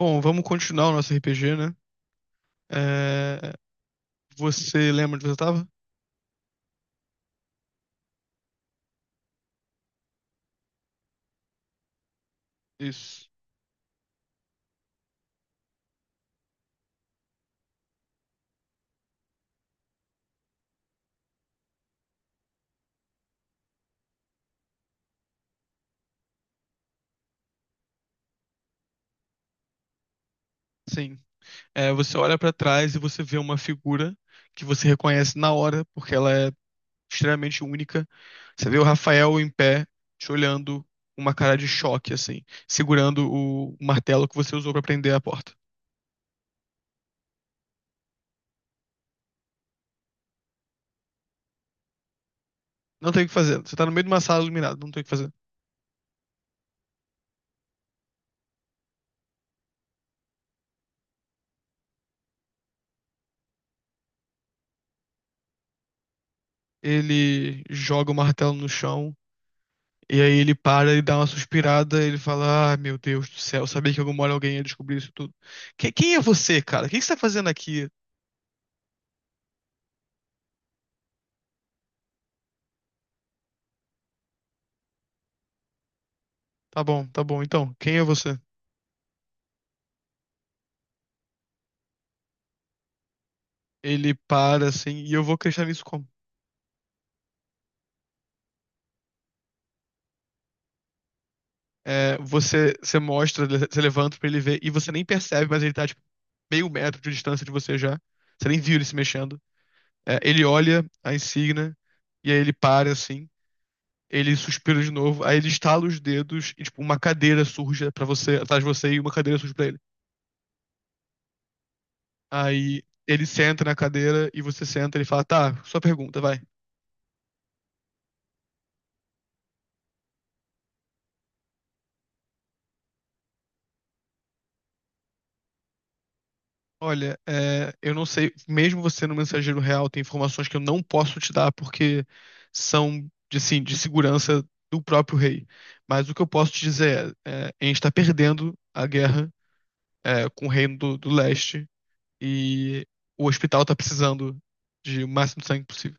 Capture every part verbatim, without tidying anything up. Bom, vamos continuar o nosso R P G, né? É, Você lembra onde você estava? Isso. Sim. É, você olha pra trás e você vê uma figura que você reconhece na hora, porque ela é extremamente única. Você vê o Rafael em pé, te olhando, uma cara de choque, assim, segurando o o martelo que você usou pra prender a porta. Não tem o que fazer. Você tá no meio de uma sala iluminada, não tem o que fazer. Ele joga o martelo no chão. E aí ele para e dá uma suspirada, ele fala: Ah, meu Deus do céu, eu sabia que em alguma hora alguém ia descobrir isso tudo. Que- quem é você, cara? O que que você tá fazendo aqui? Tá bom, tá bom, então, quem é você? Ele para assim, e eu vou acreditar nisso como? É, você, você mostra, você levanta pra ele ver, e você nem percebe, mas ele tá tipo meio metro de distância de você já. Você nem viu ele se mexendo. É, ele olha a insígnia, e aí ele para assim, ele suspira de novo, aí ele estala os dedos, e tipo, uma cadeira surge pra você, atrás de você, e uma cadeira surge pra ele. Aí ele senta na cadeira e você senta, ele fala, tá, sua pergunta, vai. Olha, é, eu não sei, mesmo você no mensageiro real, tem informações que eu não posso te dar porque são, de, assim, de segurança do próprio rei. Mas o que eu posso te dizer é, é, a gente está perdendo a guerra é, com o reino do, do leste e o hospital está precisando de o máximo de sangue possível.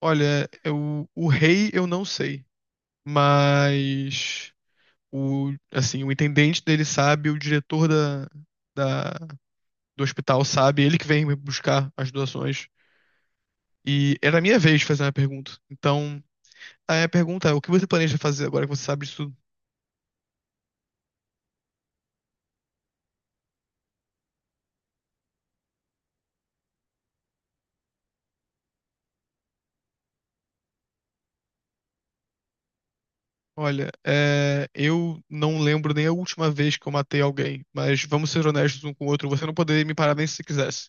Olha, eu, o rei eu não sei, mas o, assim, o intendente dele sabe, o diretor da, da- do hospital sabe, ele que vem me buscar as doações. E era a minha vez de fazer uma pergunta. Então, a pergunta é: o que você planeja fazer agora que você sabe disso tudo? Olha, é, eu não lembro nem a última vez que eu matei alguém, mas vamos ser honestos um com o outro, você não poderia me parar nem se você quisesse.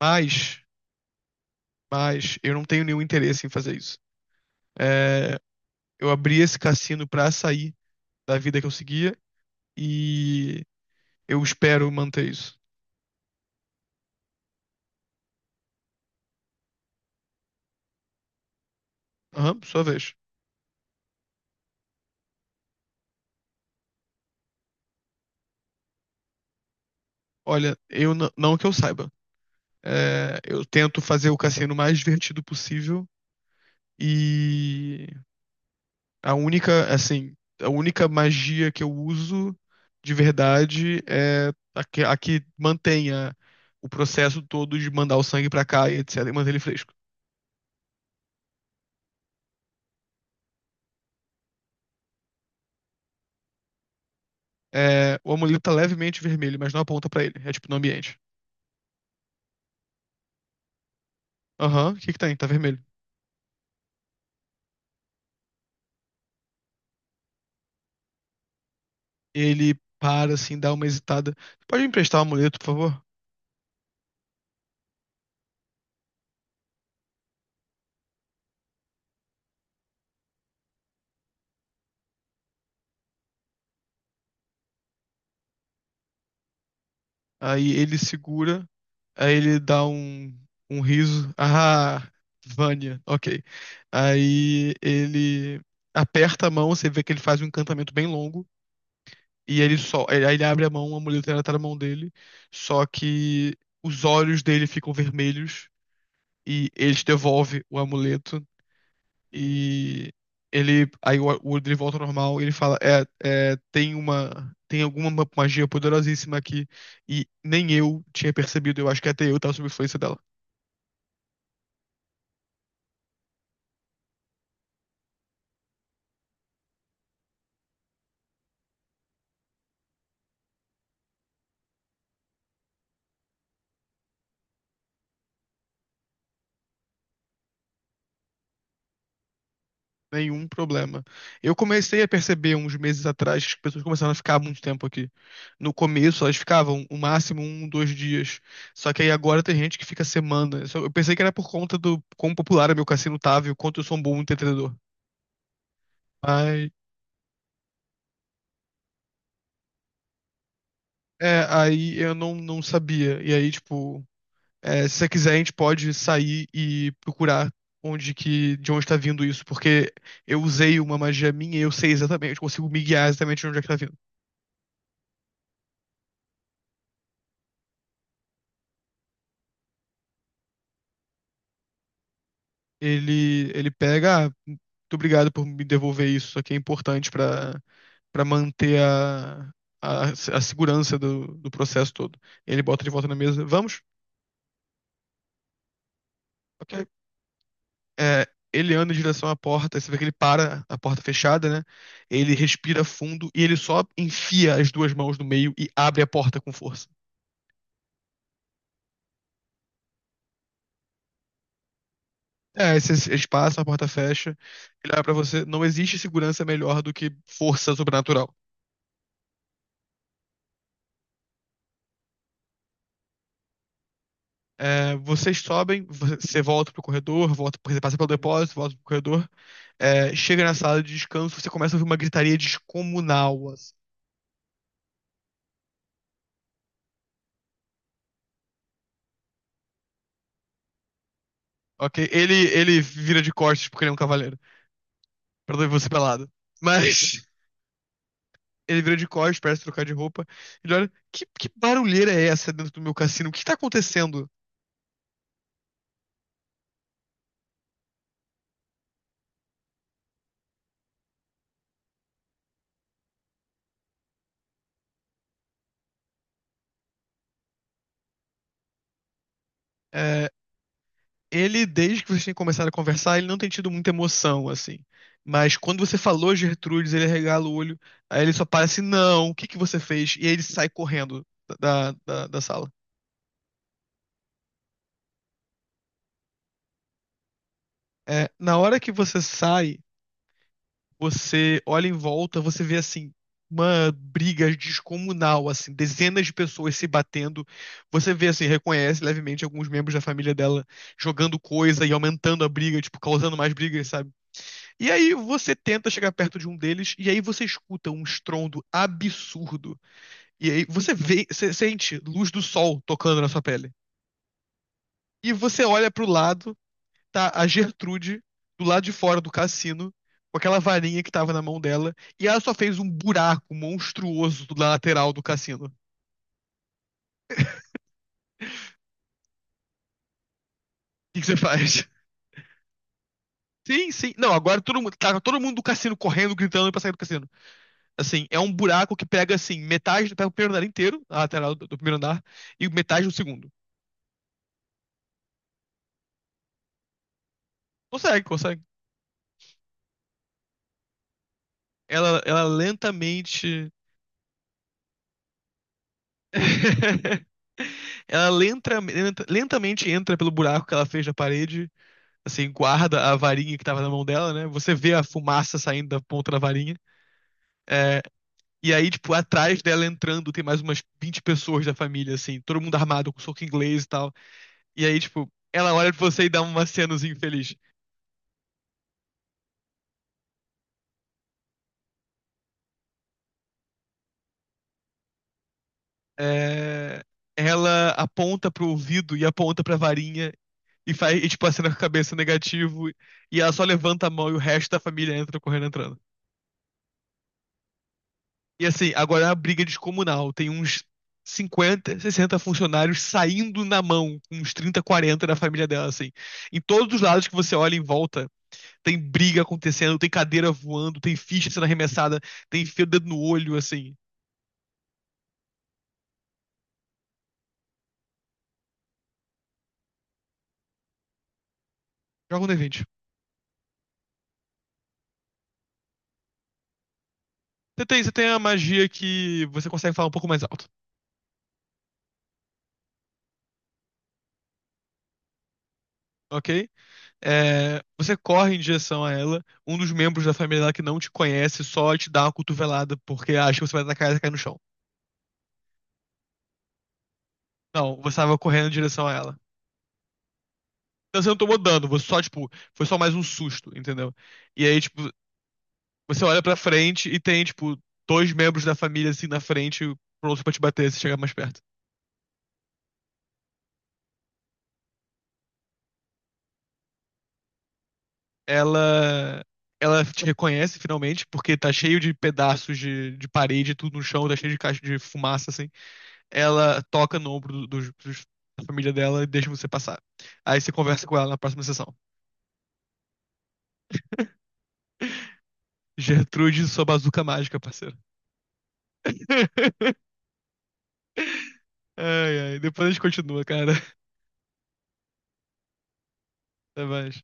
Mas, mas, eu não tenho nenhum interesse em fazer isso. É, eu abri esse cassino pra sair da vida que eu seguia e eu espero manter isso. Aham, sua vez. Olha, eu n- não que eu saiba. É, eu tento fazer o cassino mais divertido possível e a única, assim, a única magia que eu uso de verdade é a que, a que mantenha o processo todo de mandar o sangue pra cá e etc, e manter ele fresco. É, o amuleto tá levemente vermelho, mas não aponta pra ele. É tipo no ambiente. Aham, o que que tem? Tá vermelho. Ele para, assim, dá uma hesitada. Pode me emprestar o amuleto, por favor? Aí ele segura, aí ele dá um, um riso. Ah, Vânia, ok. Aí ele aperta a mão, você vê que ele faz um encantamento bem longo, e ele só, aí ele abre a mão, a mulher tá na mão dele, só que os olhos dele ficam vermelhos e ele te devolve o amuleto e ele. Aí o o Woodley volta ao normal e ele fala: É, é, tem uma. Tem alguma ma- magia poderosíssima aqui. E nem eu tinha percebido. Eu acho que até eu tava sob influência dela. Nenhum problema. Eu comecei a perceber uns meses atrás que as pessoas começaram a ficar muito tempo aqui. No começo, elas ficavam o máximo um, dois dias. Só que aí agora tem gente que fica semanas. Só- Eu pensei que era por conta do quão popular é meu cassino tava e o quanto eu sou um bom entendedor. Mas, é, aí eu não, não sabia. E aí, tipo, é, se você quiser, a gente pode sair e procurar onde que, de onde está vindo isso, porque eu usei uma magia minha e eu sei exatamente, eu consigo me guiar exatamente de onde é que tá vindo. Ele, ele pega, ah, muito obrigado por me devolver isso, isso aqui é importante para para manter a, a, a segurança do, do processo todo. Ele bota de volta na mesa, vamos? Ok. É, ele anda em direção à porta, você vê que ele para a porta fechada, né? Ele respira fundo e ele só enfia as duas mãos no meio e abre a porta com força. É, esse espaço, a porta fecha, ele olha pra você. Não existe segurança melhor do que força sobrenatural. É, vocês sobem, você você volta pro corredor, volta, você passa pelo depósito, volta pro corredor, é, chega na sala de descanso, você começa a ouvir uma gritaria descomunal, assim, ok? Ele, ele vira de costas porque ele é um cavaleiro, pra não ver você pelado. Mas. Ele vira de costas, parece trocar de roupa. Ele olha, que, que barulheira é essa dentro do meu cassino? O que está acontecendo? É, ele, desde que vocês têm começado a conversar, ele não tem tido muita emoção, assim. Mas quando você falou Gertrudes, ele regala o olho. Aí ele só para assim, não, o que que você fez? E aí ele sai correndo da, da, da sala. É, na hora que você sai, você olha em volta, você vê assim uma briga descomunal, assim, dezenas de pessoas se batendo. Você vê assim, reconhece levemente alguns membros da família dela jogando coisa e aumentando a briga, tipo, causando mais brigas, sabe? E aí você tenta chegar perto de um deles e aí você escuta um estrondo absurdo. E aí você vê, você sente luz do sol tocando na sua pele. E você olha pro lado, tá a Gertrude do lado de fora do cassino, com aquela varinha que tava na mão dela, e ela só fez um buraco monstruoso na lateral do cassino. O que que você faz? Sim, sim. Não, agora todo mundo, tá todo mundo do cassino correndo, gritando pra sair do cassino. Assim, é um buraco que pega, assim, metade, pega o primeiro andar inteiro, a lateral do, do primeiro andar, e metade do segundo. Consegue, consegue. Ela, ela lentamente. Ela lenta, lenta- lentamente entra pelo buraco que ela fez na parede assim, guarda a varinha que tava na mão dela, né? Você vê a fumaça saindo da ponta da varinha. É, e aí, tipo, atrás dela entrando tem mais umas vinte pessoas da família, assim, todo mundo armado com soco inglês e tal. E aí, tipo, ela olha pra você e dá uma cenozinha infeliz. É, ela aponta pro ouvido e aponta pra varinha e faz, e, tipo, acena com a cabeça negativo. E ela só levanta a mão e o resto da família entra correndo entrando. E assim, agora é uma briga descomunal. Tem uns cinquenta, sessenta funcionários saindo na mão, com uns trinta, quarenta da família dela, assim. Em todos os lados que você olha em volta, tem briga acontecendo, tem cadeira voando, tem ficha sendo arremessada, tem fio o dedo no olho, assim. Joga um D vinte. Você tem, você tem a magia que você consegue falar um pouco mais alto, ok? É, você corre em direção a ela, um dos membros da família dela que não te conhece só te dá uma cotovelada porque acha que você vai atacar e ela cai no chão. Não, você estava correndo em direção a ela. Você não tomou dano, você só, tipo, foi só mais um susto, entendeu? E aí, tipo, você olha pra frente e tem, tipo, dois membros da família, assim, na frente, prontos pra te bater se chegar mais perto. Ela. Ela te reconhece finalmente, porque tá cheio de pedaços de, de parede, tudo no chão, tá cheio de caixa de fumaça, assim. Ela toca no ombro do- dos- dos- da família dela e deixa você passar. Aí você conversa com ela na próxima sessão. Gertrude, sua bazuca mágica, parceiro. Ai, ai. Depois a gente continua, cara. Até mais.